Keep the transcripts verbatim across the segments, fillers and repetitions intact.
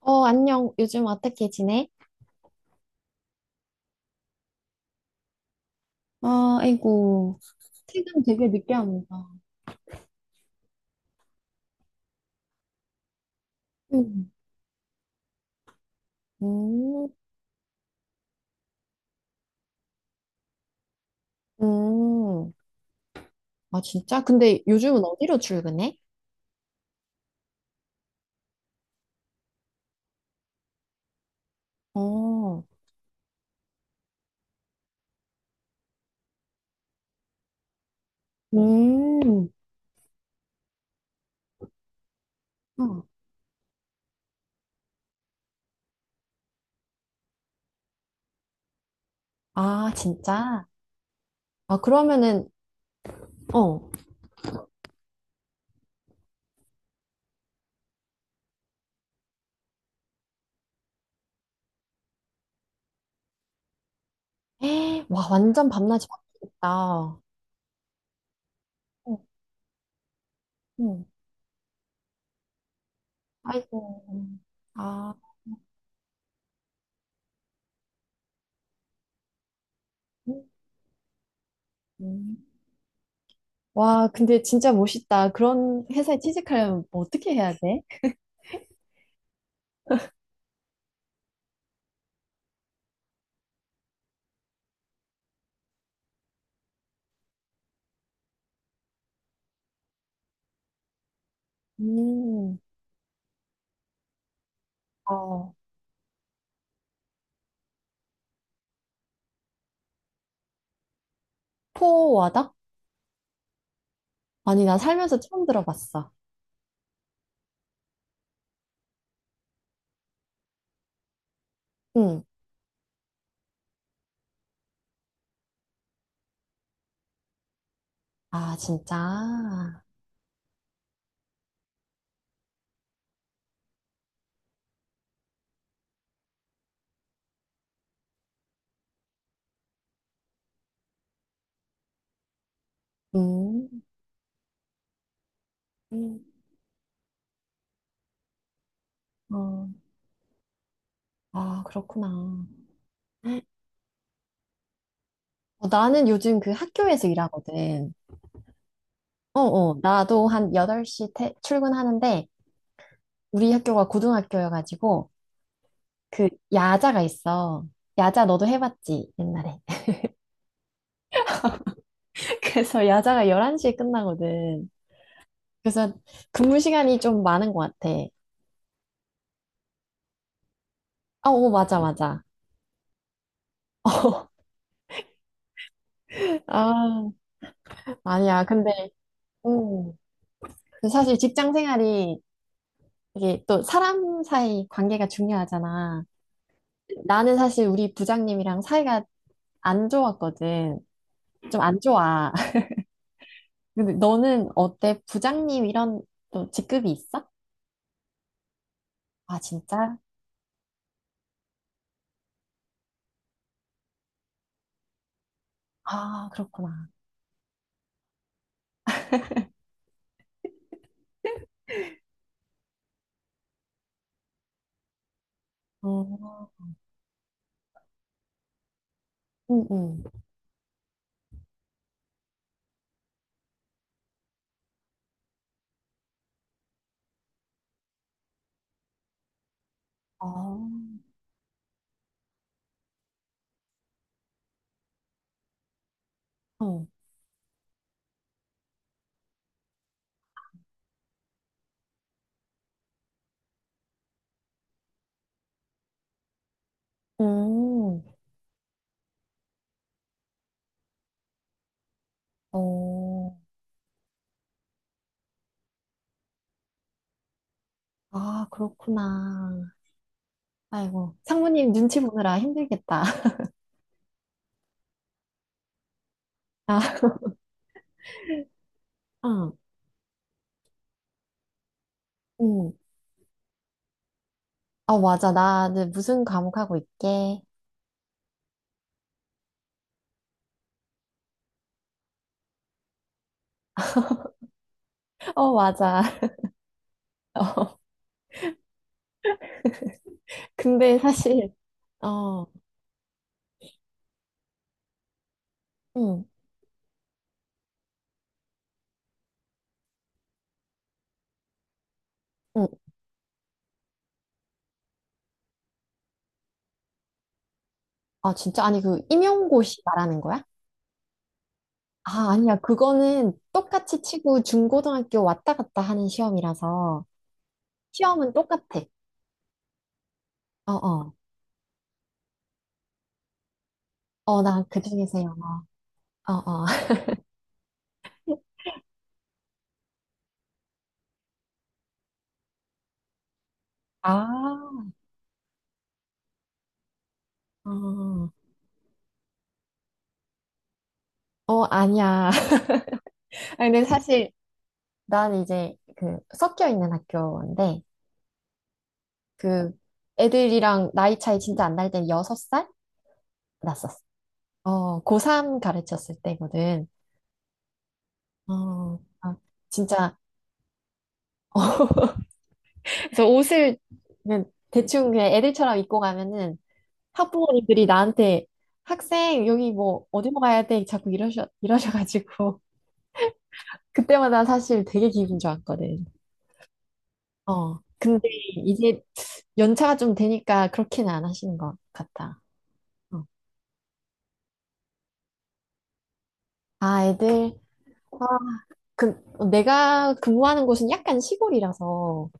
어, 안녕. 요즘 어떻게 지내? 아, 아이고. 퇴근 되게 늦게 합니다. 음. 음, 음. 아, 진짜? 근데 요즘은 어디로 출근해? 어, 음. 어. 아, 진짜? 아, 그러면은, 어. 에 와, 완전 밤낮이 바뀌겠다. 어, 응. 아이고. 아, 음. 음. 와, 근데 진짜 멋있다. 그런 회사에 취직하려면 뭐 어떻게 해야 돼? 음. 어, 포워드? 아니, 나 살면서 처음 들어봤어. 응. 아, 진짜? 음. 음. 어. 아, 그렇구나. 어, 나는 요즘 그 학교에서 일하거든. 어, 어. 나도 한 여덟 시 퇴- 출근하는데, 우리 학교가 고등학교여가지고, 그 야자가 있어. 야자 너도 해봤지, 옛날에. 그래서 야자가 열한 시에 끝나거든. 그래서 근무 시간이 좀 많은 것 같아. 아, 오, 맞아, 맞아. 아, 아니야. 근데, 음. 그 사실 직장 생활이 이게 또 사람 사이 관계가 중요하잖아. 나는 사실 우리 부장님이랑 사이가 안 좋았거든. 좀 안 좋아. 근데 너는 어때? 부장님 이런 또 직급이 있어? 아, 진짜? 아, 그렇구나. 어, 응, 응. 아, 어, 음, 어, 아, 그렇구나. 아이고, 상무님 눈치 보느라 힘들겠다. 아, 응, 응. 아, 맞아. 나는 무슨 과목 하고 있게? 어, 맞아. 어, 근데 사실, 어, 응, 응. 아, 진짜? 아니, 그 임용고시 말하는 거야? 아, 아니야. 그거는 똑같이 치고 중고등학교 왔다 갔다 하는 시험이라서 시험은 똑같아. 어, 어. 어, 나 그중에서 영어. 어, 어. 아. 어, 어, 아니야. 아니, 근데 사실 난 이제 그 섞여 있는 학교인데 그 애들이랑 나이 차이 진짜 안 날 땐 여섯 살 났었어. 어, 고삼 가르쳤을 때거든. 어, 아, 진짜. 어, 그래서 옷을 그냥 대충 그냥 애들처럼 입고 가면은 학부모님들이 나한테 학생 여기 뭐 어디로 가야 돼? 자꾸 이러셔 이러셔가지고 그때마다 사실 되게 기분 좋았거든. 어, 근데 이제 연차가 좀 되니까 그렇게는 안 하시는 것 같아. 어. 아, 애들 그 어, 내가 근무하는 곳은 약간 시골이라서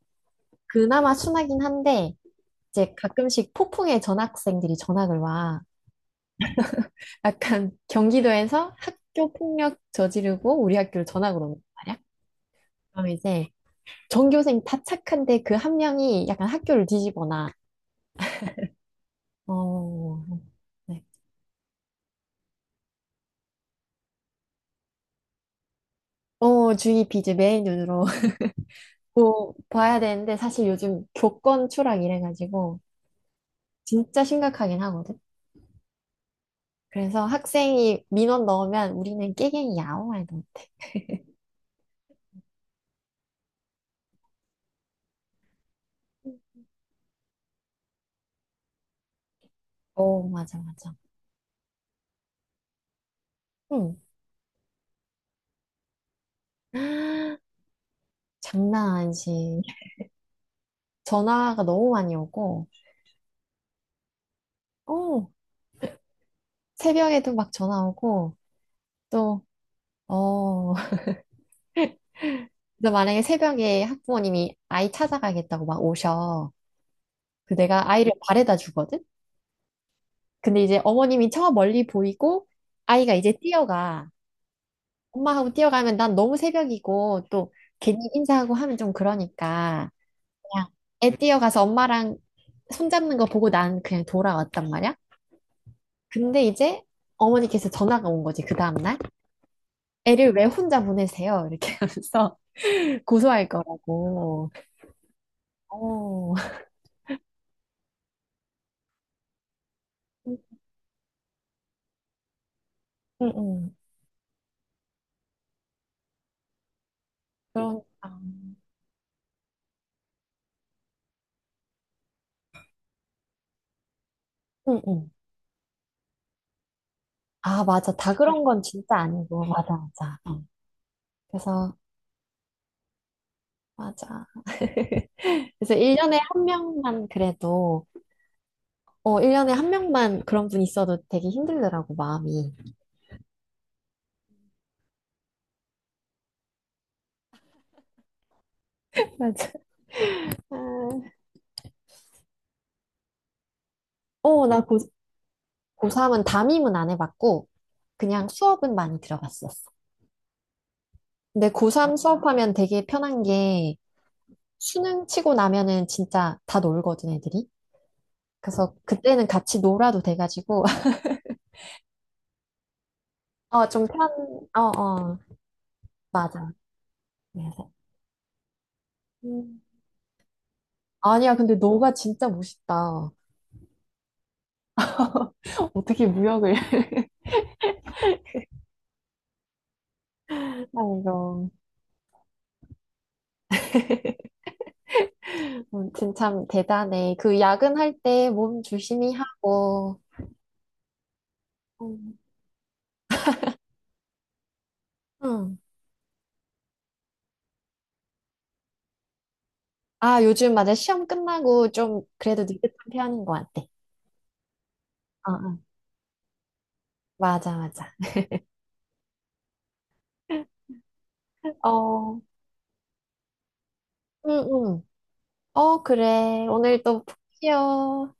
그나마 순하긴 한데 이제 가끔씩 폭풍에 전학생들이 전학을 와. 약간 경기도에서 학교 폭력 저지르고 우리 학교를 전학을 온 말이야. 그럼 이제 전교생 다 착한데 그 한 명이 약간 학교를 뒤집어놔. 어, 네. 어, 주의 비제 매일 눈으로 뭐 봐야 되는데 사실 요즘 교권 추락 이래가지고 진짜 심각하긴 하거든. 그래서 학생이 민원 넣으면 우리는 깨갱이야. 아무 말도 없고. 어, 맞아, 맞아. 응. 장난 아니지. 전화가 너무 많이 오고. 어, 새벽에도 막 전화 오고 또 어, 그래서 만약에 새벽에 학부모님이 아이 찾아가겠다고 막 오셔. 그 내가 아이를 발에다 주거든. 근데 이제 어머님이 저 멀리 보이고 아이가 이제 뛰어가. 엄마 하고 뛰어가면 난 너무 새벽이고 또 괜히 인사하고 하면 좀 그러니까 그냥 애 뛰어가서 엄마랑 손잡는 거 보고 난 그냥 돌아왔단 말이야. 근데 이제 어머니께서 전화가 온 거지 그 다음날 애를 왜 혼자 보내세요? 이렇게 하면서 고소할 거라고. 어, 응응. 그런, 아, 응응. 아, 맞아. 다 네. 그런 건 진짜 아니고. 맞아, 맞아. 어. 그래서, 맞아. 그래서 일 년에 한 명만 그래도, 어, 일 년에 한 명만 그런 분 있어도 되게 힘들더라고, 마음이. 맞아. 아, 어, 나 고, 고삼은 담임은 안 해봤고, 그냥 수업은 많이 들어봤었어. 근데 고삼 수업하면 되게 편한 게, 수능 치고 나면은 진짜 다 놀거든, 애들이. 그래서 그때는 같이 놀아도 돼가지고, 어, 좀 편, 어, 어, 맞아. 그래서. 음. 아니야, 근데 너가 진짜 멋있다. 어떻게 무역을. 아이고, 음, 진짜 참 대단해. 그 야근할 때 몸 조심히 하고. 음. 응. 아, 요즘 맞아. 시험 끝나고 좀 그래도 느긋한 편인 것 같아. 어, 어. 맞아, 맞아. 어, 응, 응. 어, 그래. 오늘 또 푹 쉬어.